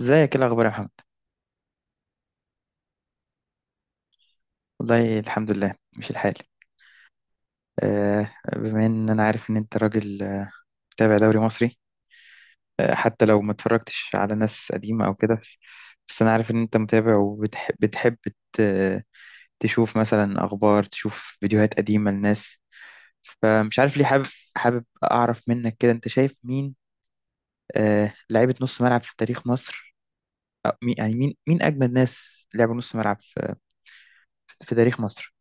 ازيك ايه الاخبار يا محمد؟ والله الحمد لله مش الحال. بما ان انا عارف ان انت راجل، متابع دوري مصري. حتى لو ما اتفرجتش على ناس قديمه او كده، بس انا عارف ان انت متابع وبتحب، ت- تشوف مثلا اخبار، تشوف فيديوهات قديمه لناس. فمش عارف ليه حابب، اعرف منك كده، انت شايف مين لعيبه نص ملعب في تاريخ مصر، يعني مين، اجمد ناس لعبوا نص ملعب في تاريخ مصر؟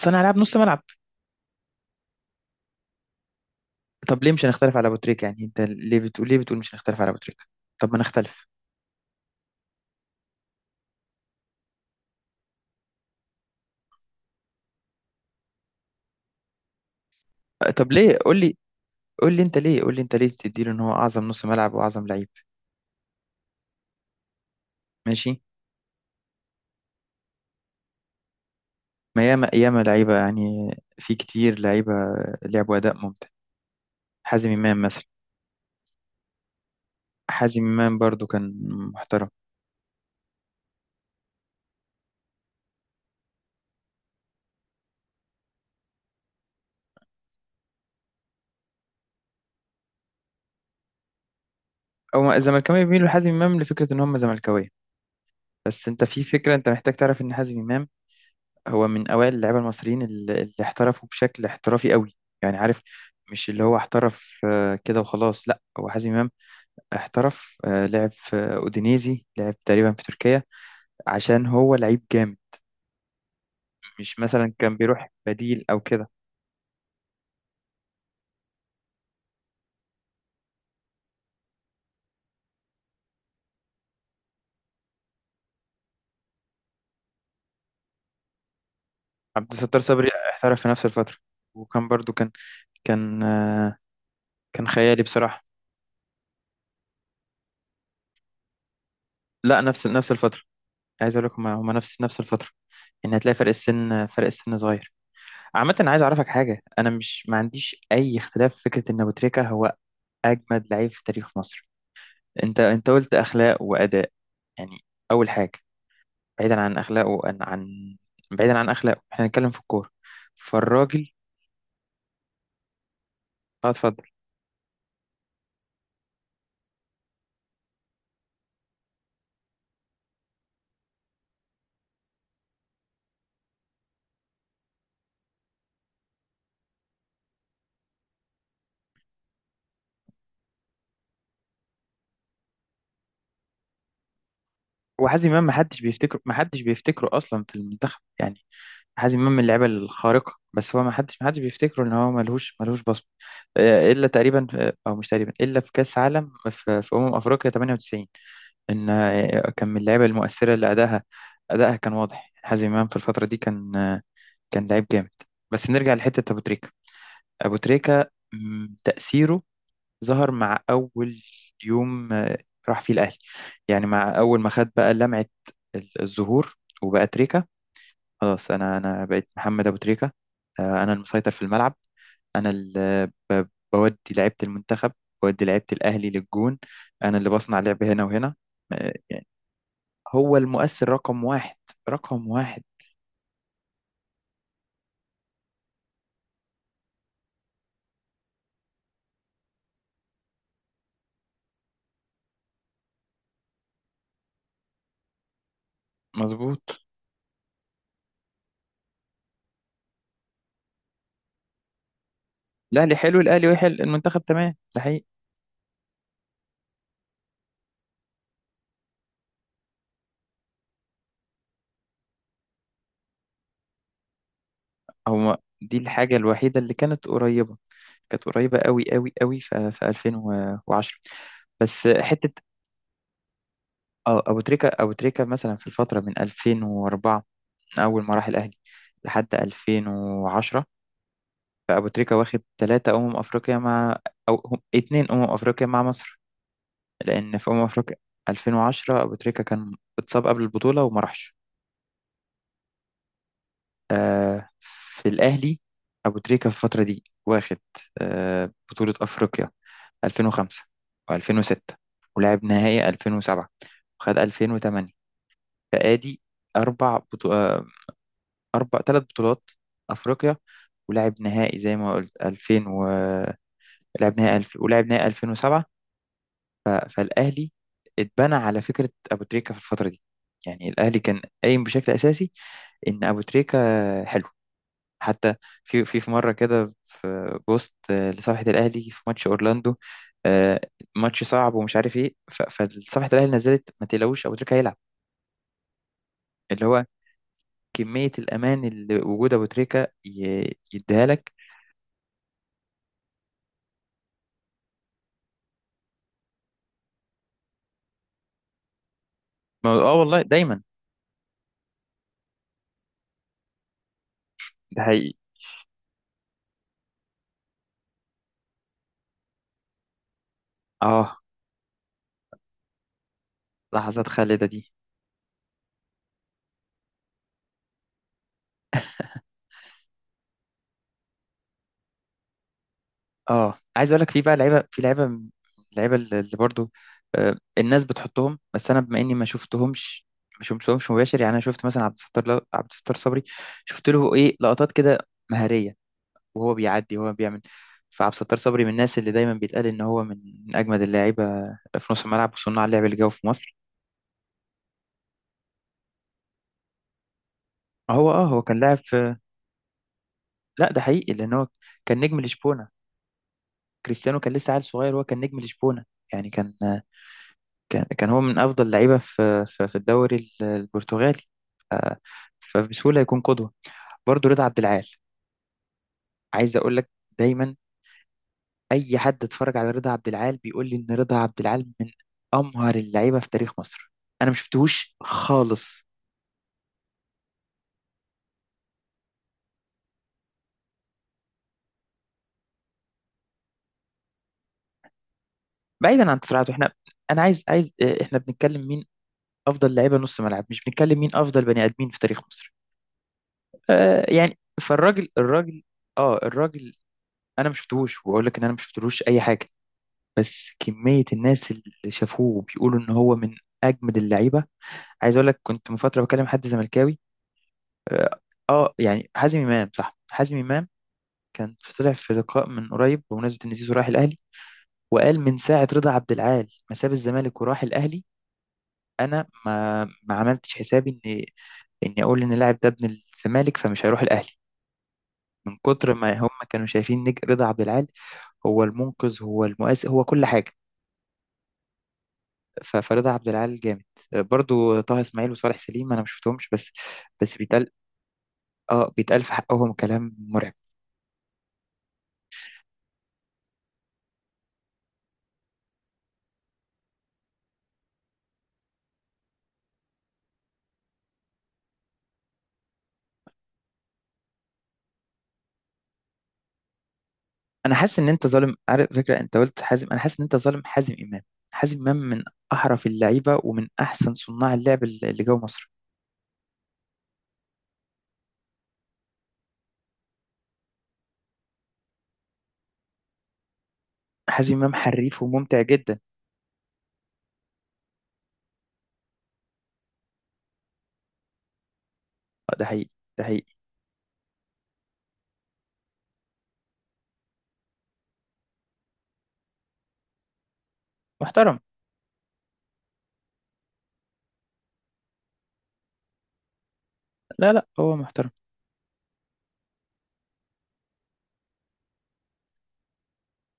صانع العاب نص ملعب. طب ليه مش هنختلف على ابو تريكه؟ يعني انت ليه بتقول، مش هنختلف على ابو تريكه؟ طب ما نختلف. طب ليه، قول لي، قول لي انت ليه تديله ان هو اعظم نص ملعب واعظم لعيب. ماشي. ما ياما ياما لعيبه يعني، في كتير لعيبه لعبوا اداء ممتع. حازم امام مثلا. حازم امام برضو كان محترم. او الزملكاويه بيميلوا لحازم امام لفكره ان هم زملكاويه، بس انت في فكره، انت محتاج تعرف ان حازم امام هو من أوائل اللعيبة المصريين اللي احترفوا بشكل احترافي قوي. يعني عارف، مش اللي هو احترف كده وخلاص، لا، هو حازم إمام احترف، لعب في أودينيزي، لعب تقريبا في تركيا، عشان هو لعيب جامد، مش مثلا كان بيروح بديل أو كده. عبد الستار صبري احترف في نفس الفترة، وكان برضو كان، كان آه، كان خيالي بصراحة. لا، نفس الفترة. عايز أقول لكم، هما هما نفس الفترة، إن هتلاقي فرق السن، صغير. عامة، أنا عايز أعرفك حاجة، أنا مش، ما عنديش أي اختلاف في فكرة إن أبو تريكة هو أجمد لعيب في تاريخ مصر. أنت قلت أخلاق وأداء، يعني أول حاجة، بعيدا عن أخلاقه، بعيدا عن أخلاقه، إحنا هنتكلم في الكورة، فالراجل... اتفضل. وحازم إمام ما حدش بيفتكره، أصلا في المنتخب يعني. حازم إمام من اللعيبة الخارقة، بس هو ما حدش بيفتكره إن هو ملهوش، بصمة، إلا تقريبا أو مش تقريبا، إلا في كأس عالم، في أمم أفريقيا 98، ان كان من اللعيبه المؤثره اللي ادائها، كان واضح. حازم امام في الفتره دي كان لعيب جامد. بس نرجع لحته ابو تريكه. ابو تريكه تاثيره ظهر مع اول يوم، راح فيه الاهلي، يعني مع اول ما خد بقى لمعه، الظهور، وبقى تريكه، خلاص. انا بقيت محمد ابو تريكه، انا المسيطر في الملعب، انا اللي بودي لعيبه المنتخب، بودي لعيبه الاهلي للجون، انا اللي بصنع لعب هنا وهنا. آه، هو المؤثر رقم واحد، رقم واحد. مظبوط. لا، اللي حلو الاهلي وحل المنتخب تمام، ده حقيقي. هو دي الحاجه الوحيده اللي كانت قريبه، قوي قوي قوي، في 2010. بس حته... اه ابو تريكه، مثلا في الفتره من 2004، من اول ما راح الاهلي لحد 2010، فابو تريكه واخد ثلاثه افريقيا مع... اتنين افريقيا مع مصر. لان في افريقيا 2010 ابو تريكه كان اتصاب قبل البطوله وما راحش، في الأهلي. أبو تريكة في الفترة دي واخد، بطولة أفريقيا 2005 و2006، ولعب نهائي 2007، وخد 2008، فآدي أربع بطو... آه أربع، بطولات أفريقيا، ولعب نهائي زي ما قلت ولعب نهائي 2007. فالأهلي اتبنى على فكرة أبو تريكة في الفترة دي. يعني الأهلي كان قايم بشكل أساسي إن أبو تريكة حلو. حتى في مره كده في بوست، لصفحه الاهلي، في ماتش اورلاندو، آه، ماتش صعب ومش عارف ايه، فصفحه الاهلي نزلت: ما تقلقوش، ابو تريكه هيلعب، اللي هو كميه الامان اللي وجود ابو تريكه يديها لك. اه، والله دايما، ده حقيقي. اه، لحظات خالده دي. اه، عايز اقول لك، في بقى لعيبه، لعيبه اللي برضو، الناس بتحطهم، بس انا بما اني ما شفتهمش، مباشر، يعني انا شفت مثلا عبد الستار، عبد الستار صبري، شفت له ايه لقطات كده مهاريه وهو بيعدي وهو بيعمل. فعبد الستار صبري من الناس اللي دايما بيتقال ان هو من، اجمد اللاعيبه في نص الملعب وصناع اللعب اللي جوه في مصر. هو هو كان لاعب في... لا، ده حقيقي، لان هو كان نجم لشبونه. كريستيانو كان لسه عيل صغير وهو كان نجم لشبونه، يعني كان، هو من أفضل لعيبة في في الدوري البرتغالي، آه، فبسهولة يكون قدوة. برضو رضا عبد العال، عايز أقول لك، دايما أي حد اتفرج على رضا عبد العال بيقول لي إن رضا عبد العال من أمهر اللعيبة في تاريخ مصر، أنا ما شفتهوش خالص. بعيدا عن تصريحاته، إحنا، أنا عايز، إحنا بنتكلم مين أفضل لعيبة نص ملعب، مش بنتكلم مين أفضل بني آدمين في تاريخ مصر. يعني فالراجل، الراجل، أنا ما شفتهوش وأقول لك إن أنا ما شفتلوش أي حاجة، بس كمية الناس اللي شافوه بيقولوا إن هو من أجمد اللعيبة. عايز أقول لك، كنت من فترة بكلم حد زملكاوي، آه يعني حازم إمام، صح، حازم إمام كان طلع في لقاء من قريب بمناسبة إن زيزو راح الأهلي، وقال: من ساعة رضا عبد العال ما ساب الزمالك وراح الأهلي، أنا ما عملتش حسابي إن إني أقول إن اللاعب ده ابن الزمالك فمش هيروح الأهلي، من كتر ما هم كانوا شايفين، رضا عبد العال هو المنقذ، هو المؤثر، هو كل حاجة. فرضا عبد العال جامد. برضو طه اسماعيل وصالح سليم انا ما شفتهمش، بس بس بيتقال، اه بيتقال في حقهم كلام مرعب. انا حاسس ان انت ظالم، عارف، فكره انت قلت حازم، انا حاسس ان انت ظالم حازم امام. حازم امام من احرف اللعيبه ومن احسن صناع اللعب اللي جوه مصر. حازم امام حريف وممتع جدا. اه، ده حقيقي، ده حقيقي، محترم. لا، لا، هو محترم.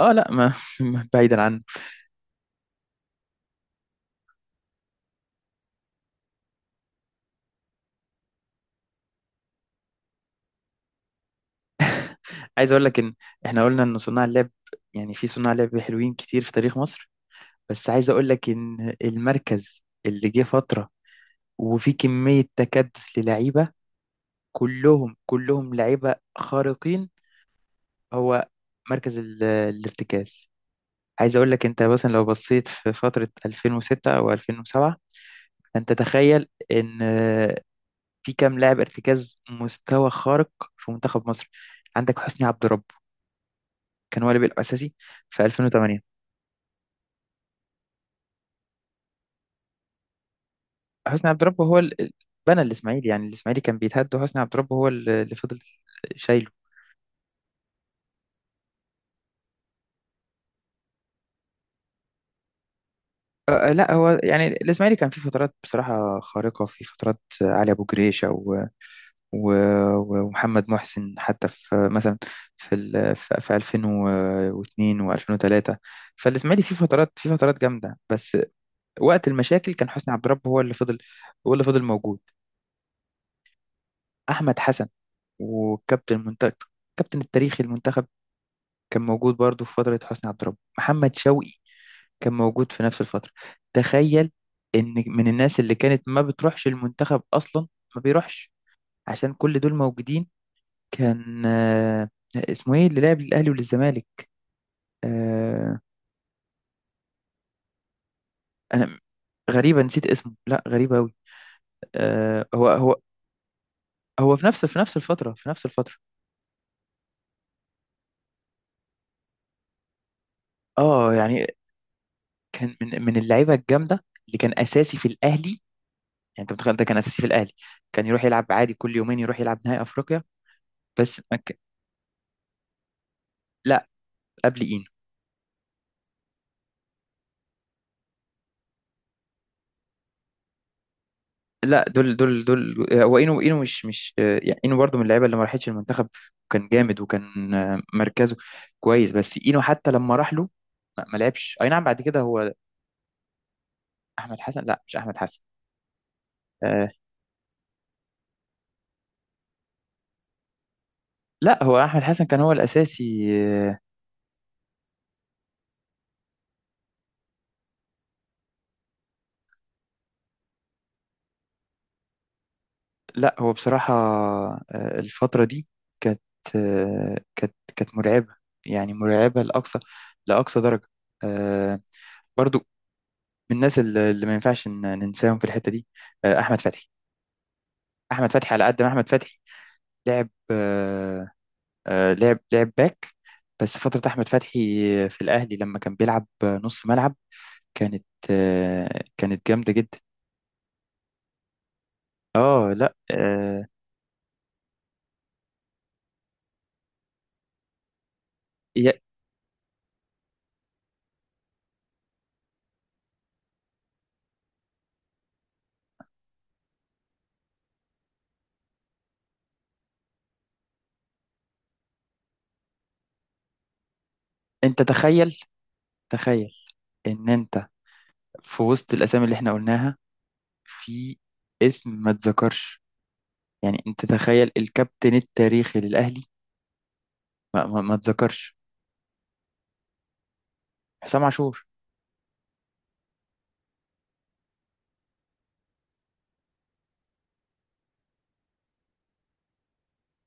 اه لا ما بعيدا عنه. عايز اقول لك ان احنا قلنا ان صناع اللعب، يعني في صناع لعب حلوين كتير في تاريخ مصر، بس عايز اقول لك ان المركز اللي جه فتره وفي كميه تكدس للعيبه، كلهم لعيبه خارقين، هو مركز الارتكاز. عايز اقول لك، انت مثلا لو بصيت في فتره 2006 او 2007، انت تخيل ان في كام لاعب ارتكاز مستوى خارق في منتخب مصر. عندك حسني عبد رب كان هو اللي بيلعب اساسي في 2008. حسني عبد رب هو بنى الاسماعيلي، يعني الاسماعيلي كان بيتهد وحسني عبد رب هو اللي فضل شايله. لا، هو يعني الاسماعيلي كان في فترات بصراحه خارقه، في فترات علي ابو جريشه و... ومحمد محسن، حتى في مثلا في 2002 و2003، فالاسماعيلي في فترات، جامده، بس وقت المشاكل كان حسني عبد الرب هو اللي فضل، هو اللي فضل موجود. احمد حسن، وكابتن المنتخب، كابتن التاريخي المنتخب، كان موجود برضه في فتره حسني عبد الرب. محمد شوقي كان موجود في نفس الفترة. تخيل إن من الناس اللي كانت ما بتروحش المنتخب أصلا، ما بيروحش عشان كل دول موجودين، كان آه، اسمه إيه اللي لعب للأهلي وللزمالك، آه، أنا... غريبة، نسيت اسمه، لا، غريبة أوي. آه، هو هو هو في نفس، في نفس الفترة، اه يعني كان من، اللعيبة الجامدة اللي كان أساسي في الأهلي. يعني أنت متخيل ده كان أساسي في الأهلي، كان يروح يلعب عادي، كل يومين يروح يلعب نهائي أفريقيا. بس ما ك- لا، قبل إين، لا، دول دول دول، هو اينو، اينو مش مش آه، يعني اينو برضو من اللعيبه اللي ما راحتش المنتخب، وكان جامد، وكان، مركزه كويس، بس اينو حتى لما راح له ما لعبش، اي نعم، بعد كده هو... احمد حسن؟ لا، مش احمد حسن. آه لا، هو احمد حسن كان هو الاساسي. لا، هو بصراحه، الفتره دي كانت، كانت مرعبه، يعني مرعبه لاقصى، درجه. آه برضو من الناس اللي ما ينفعش ننساهم في الحته دي، احمد فتحي. احمد فتحي على قد ما احمد فتحي لعب، لعب باك، بس فتره احمد فتحي في الاهلي لما كان بيلعب نص ملعب كانت، جامده جدا. اه، لا، يا- انت تخيل، تخيل ان انت في وسط الاسامي اللي احنا قلناها، في اسم ما اتذكرش، يعني انت تخيل الكابتن التاريخي للاهلي، ما اتذكرش... حسام عاشور.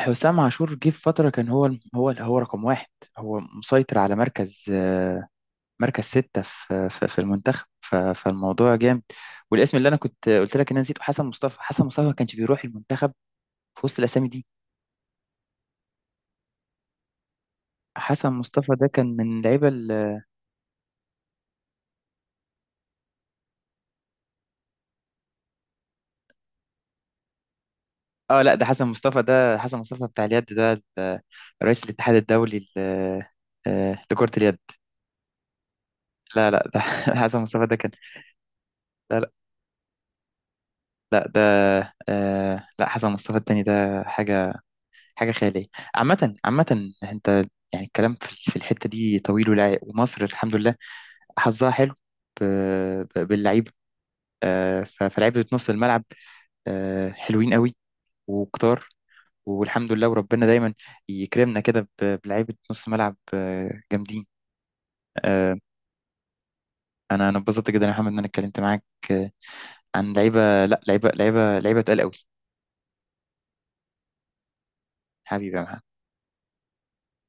حسام عاشور جه في فترة كان هو، رقم واحد، هو مسيطر على مركز، ستة في في المنتخب، فالموضوع جامد. والاسم اللي أنا كنت قلت لك إن أنا نسيته حسن مصطفى. حسن مصطفى ما كانش بيروح المنتخب في وسط الأسامي دي. حسن مصطفى ده كان من اللعيبة اه، لا، ده حسن مصطفى، ده حسن مصطفى بتاع اليد، ده ال- رئيس الاتحاد الدولي لكرة اليد. لا، لا، ده حسن مصطفى ده كان... لا، لا، لا، ده، لا، حسن مصطفى التاني ده حاجة، خيالية. عامة انت، يعني الكلام في في الحتة دي طويل، ولا ومصر الحمد لله حظها حلو ب- باللعيبة، فلعيبة نص الملعب، حلوين قوي وكتار، والحمد لله، وربنا دايما يكرمنا كده بلعيبة نص ملعب، جامدين، آه، انا اتبسطت جدا يا محمد ان انا اتكلمت معاك، آه، عن لعيبة، لا، لعيبة، تقال قوي. حبيبي يا محمد.